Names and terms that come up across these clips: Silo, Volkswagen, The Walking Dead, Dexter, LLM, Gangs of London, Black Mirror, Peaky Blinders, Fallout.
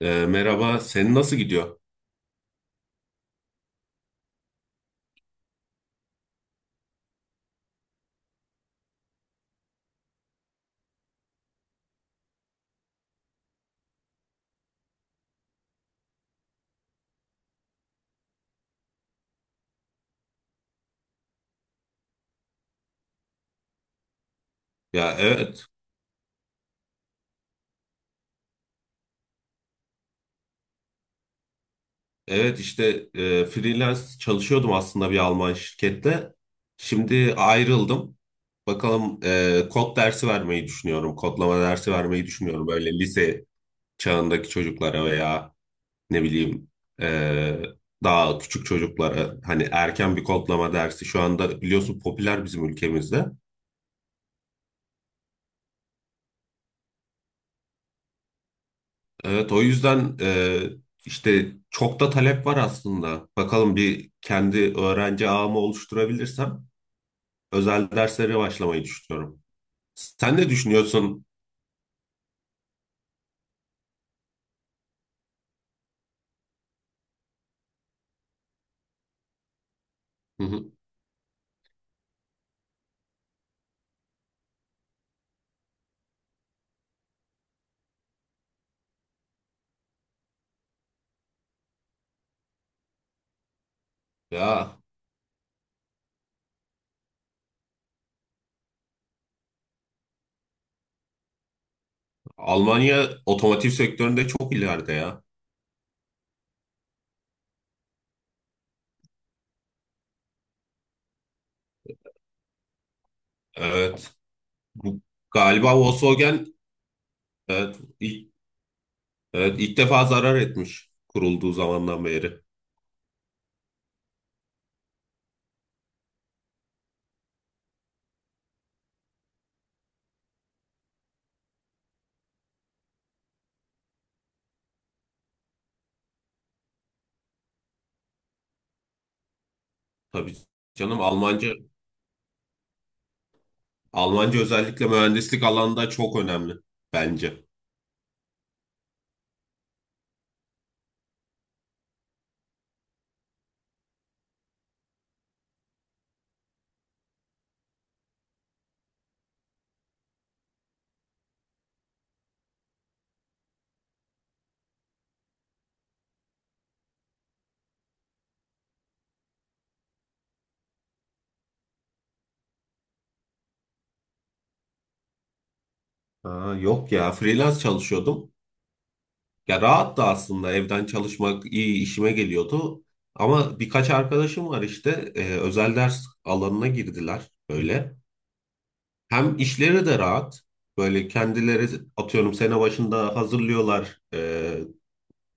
Merhaba, senin nasıl gidiyor? Ya evet, evet işte freelance çalışıyordum aslında bir Alman şirkette. Şimdi ayrıldım. Bakalım kod dersi vermeyi düşünüyorum, kodlama dersi vermeyi düşünüyorum. Böyle lise çağındaki çocuklara veya ne bileyim, e, daha küçük çocuklara. Hani erken bir kodlama dersi şu anda biliyorsun popüler bizim ülkemizde. Evet, o yüzden işte çok da talep var aslında. Bakalım bir kendi öğrenci ağımı oluşturabilirsem özel derslere başlamayı düşünüyorum. Sen ne düşünüyorsun? Hı hı. Ya Almanya otomotiv sektöründe çok ileride ya. Evet. Bu, galiba Volkswagen evet, ilk, evet, ilk defa zarar etmiş kurulduğu zamandan beri. Tabii canım, Almanca Almanca özellikle mühendislik alanında çok önemli bence. Ha yok ya, freelance çalışıyordum. Ya rahat da aslında, evden çalışmak iyi işime geliyordu. Ama birkaç arkadaşım var işte, özel ders alanına girdiler böyle. Hem işleri de rahat. Böyle kendileri atıyorum sene başında hazırlıyorlar,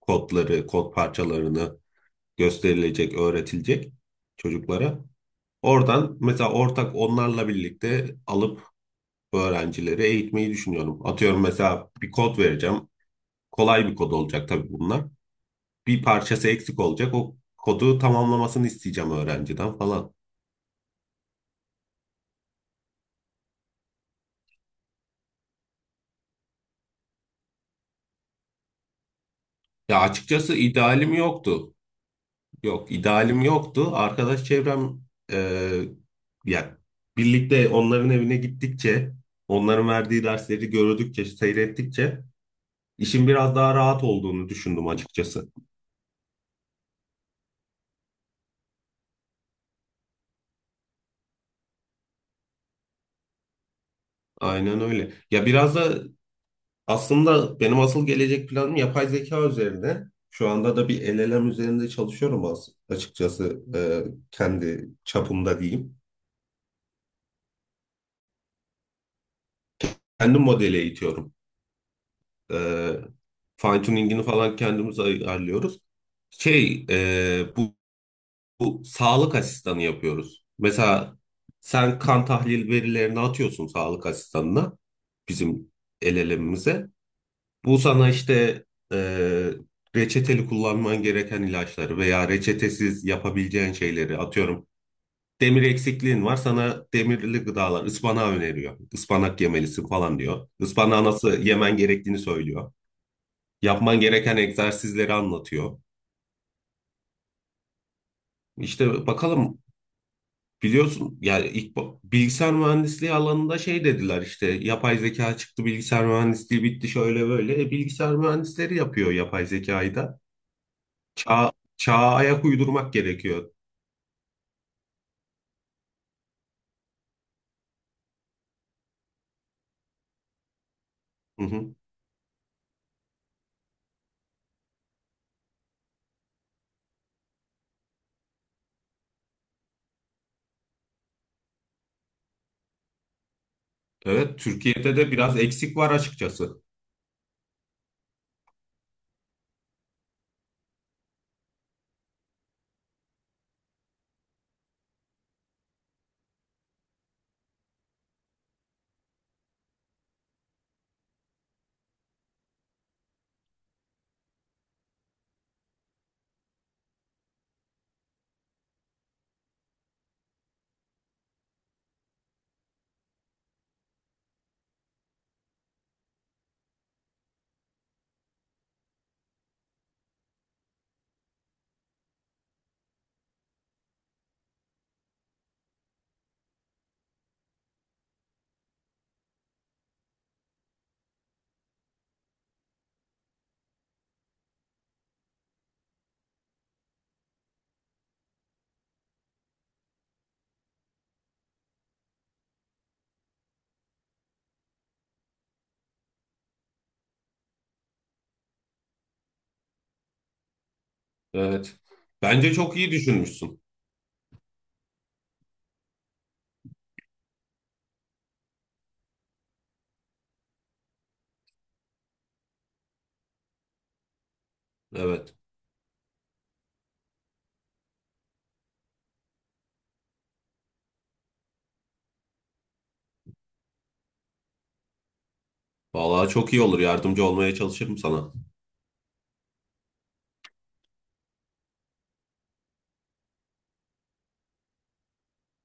kodları, kod parçalarını gösterilecek, öğretilecek çocuklara. Oradan mesela ortak onlarla birlikte alıp öğrencileri eğitmeyi düşünüyorum. Atıyorum mesela bir kod vereceğim. Kolay bir kod olacak tabii bunlar. Bir parçası eksik olacak. O kodu tamamlamasını isteyeceğim öğrenciden falan. Ya açıkçası idealim yoktu. Yok, idealim yoktu. Arkadaş çevrem, e, ya birlikte onların evine gittikçe, onların verdiği dersleri gördükçe, seyrettikçe işin biraz daha rahat olduğunu düşündüm açıkçası. Aynen öyle. Ya biraz da aslında benim asıl gelecek planım yapay zeka üzerine. Şu anda da bir LLM üzerinde çalışıyorum açıkçası, kendi çapımda diyeyim. Kendi modeli eğitiyorum. E, Fine tuning'ini falan kendimiz ayarlıyoruz. Şey e, bu, Bu sağlık asistanı yapıyoruz. Mesela sen kan tahlil verilerini atıyorsun sağlık asistanına, bizim LLM'imize. Bu sana işte, e, reçeteli kullanman gereken ilaçları veya reçetesiz yapabileceğin şeyleri atıyorum. Demir eksikliğin var, sana demirli gıdalar ıspanağı öneriyor. Ispanak yemelisin falan diyor. Ispanağı nasıl yemen gerektiğini söylüyor. Yapman gereken egzersizleri anlatıyor. İşte bakalım, biliyorsun yani ilk bilgisayar mühendisliği alanında şey dediler işte, yapay zeka çıktı, bilgisayar mühendisliği bitti şöyle böyle. E, bilgisayar mühendisleri yapıyor yapay zekayı da. Çağ, çağa ayak uydurmak gerekiyor. Hı hı. Evet, Türkiye'de de biraz eksik var açıkçası. Evet. Bence çok iyi düşünmüşsün. Evet. Vallahi çok iyi olur. Yardımcı olmaya çalışırım sana.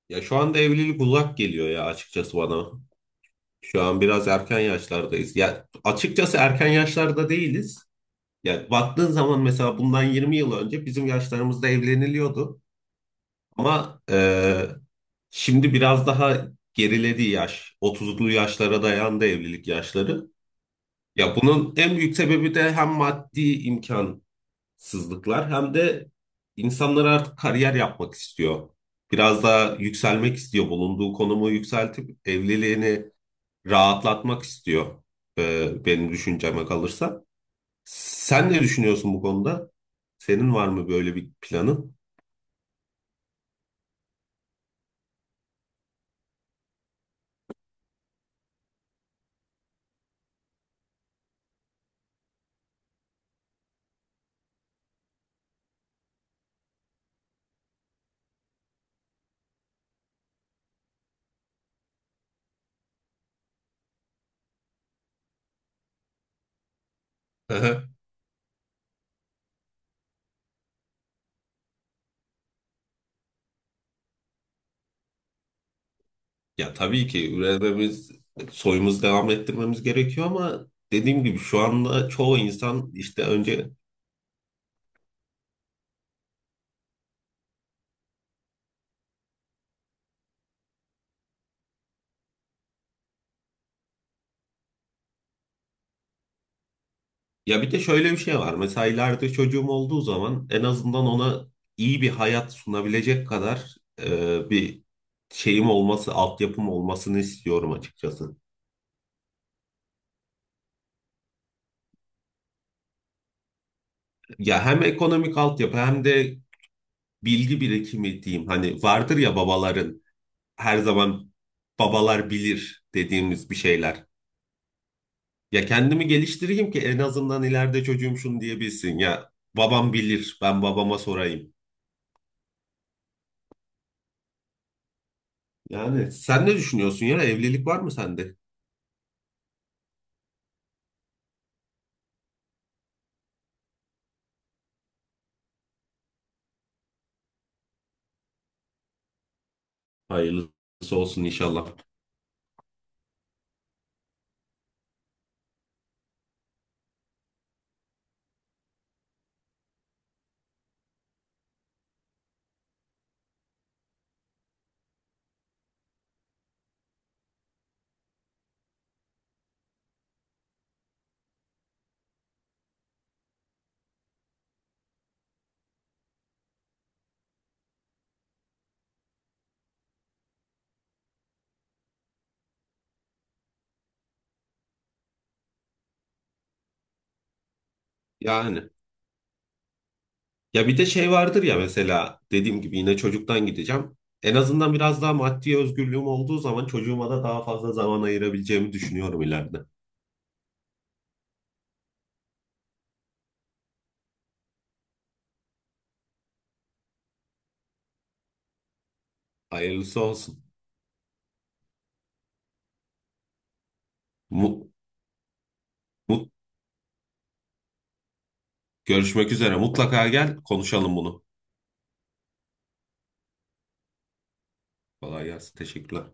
Ya şu anda evlilik uzak geliyor ya açıkçası bana. Şu an biraz erken yaşlardayız. Ya açıkçası erken yaşlarda değiliz. Ya baktığın zaman mesela bundan 20 yıl önce bizim yaşlarımızda evleniliyordu. Ama şimdi biraz daha geriledi yaş. 30'lu yaşlara dayandı evlilik yaşları. Ya bunun en büyük sebebi de hem maddi imkansızlıklar hem de insanlar artık kariyer yapmak istiyor. Biraz daha yükselmek istiyor. Bulunduğu konumu yükseltip evliliğini rahatlatmak istiyor. Benim düşünceme kalırsa. Sen ne düşünüyorsun bu konuda? Senin var mı böyle bir planın? Aha. Ya tabii ki üretmemiz, soyumuz devam ettirmemiz gerekiyor ama dediğim gibi şu anda çoğu insan işte önce. Ya bir de şöyle bir şey var. Mesela ileride çocuğum olduğu zaman en azından ona iyi bir hayat sunabilecek kadar, bir şeyim olması, altyapım olmasını istiyorum açıkçası. Ya hem ekonomik altyapı hem de bilgi birikimi diyeyim. Hani vardır ya babaların, her zaman babalar bilir dediğimiz bir şeyler. Ya kendimi geliştireyim ki en azından ileride çocuğum şunu diyebilsin. Ya babam bilir, ben babama sorayım. Yani sen ne düşünüyorsun ya? Evlilik var mı sende? Hayırlısı olsun inşallah. Yani ya bir de şey vardır ya, mesela dediğim gibi yine çocuktan gideceğim. En azından biraz daha maddi özgürlüğüm olduğu zaman çocuğuma da daha fazla zaman ayırabileceğimi düşünüyorum ileride. Hayırlısı olsun. Mut, mut, görüşmek üzere. Mutlaka gel konuşalım bunu. Kolay gelsin. Teşekkürler.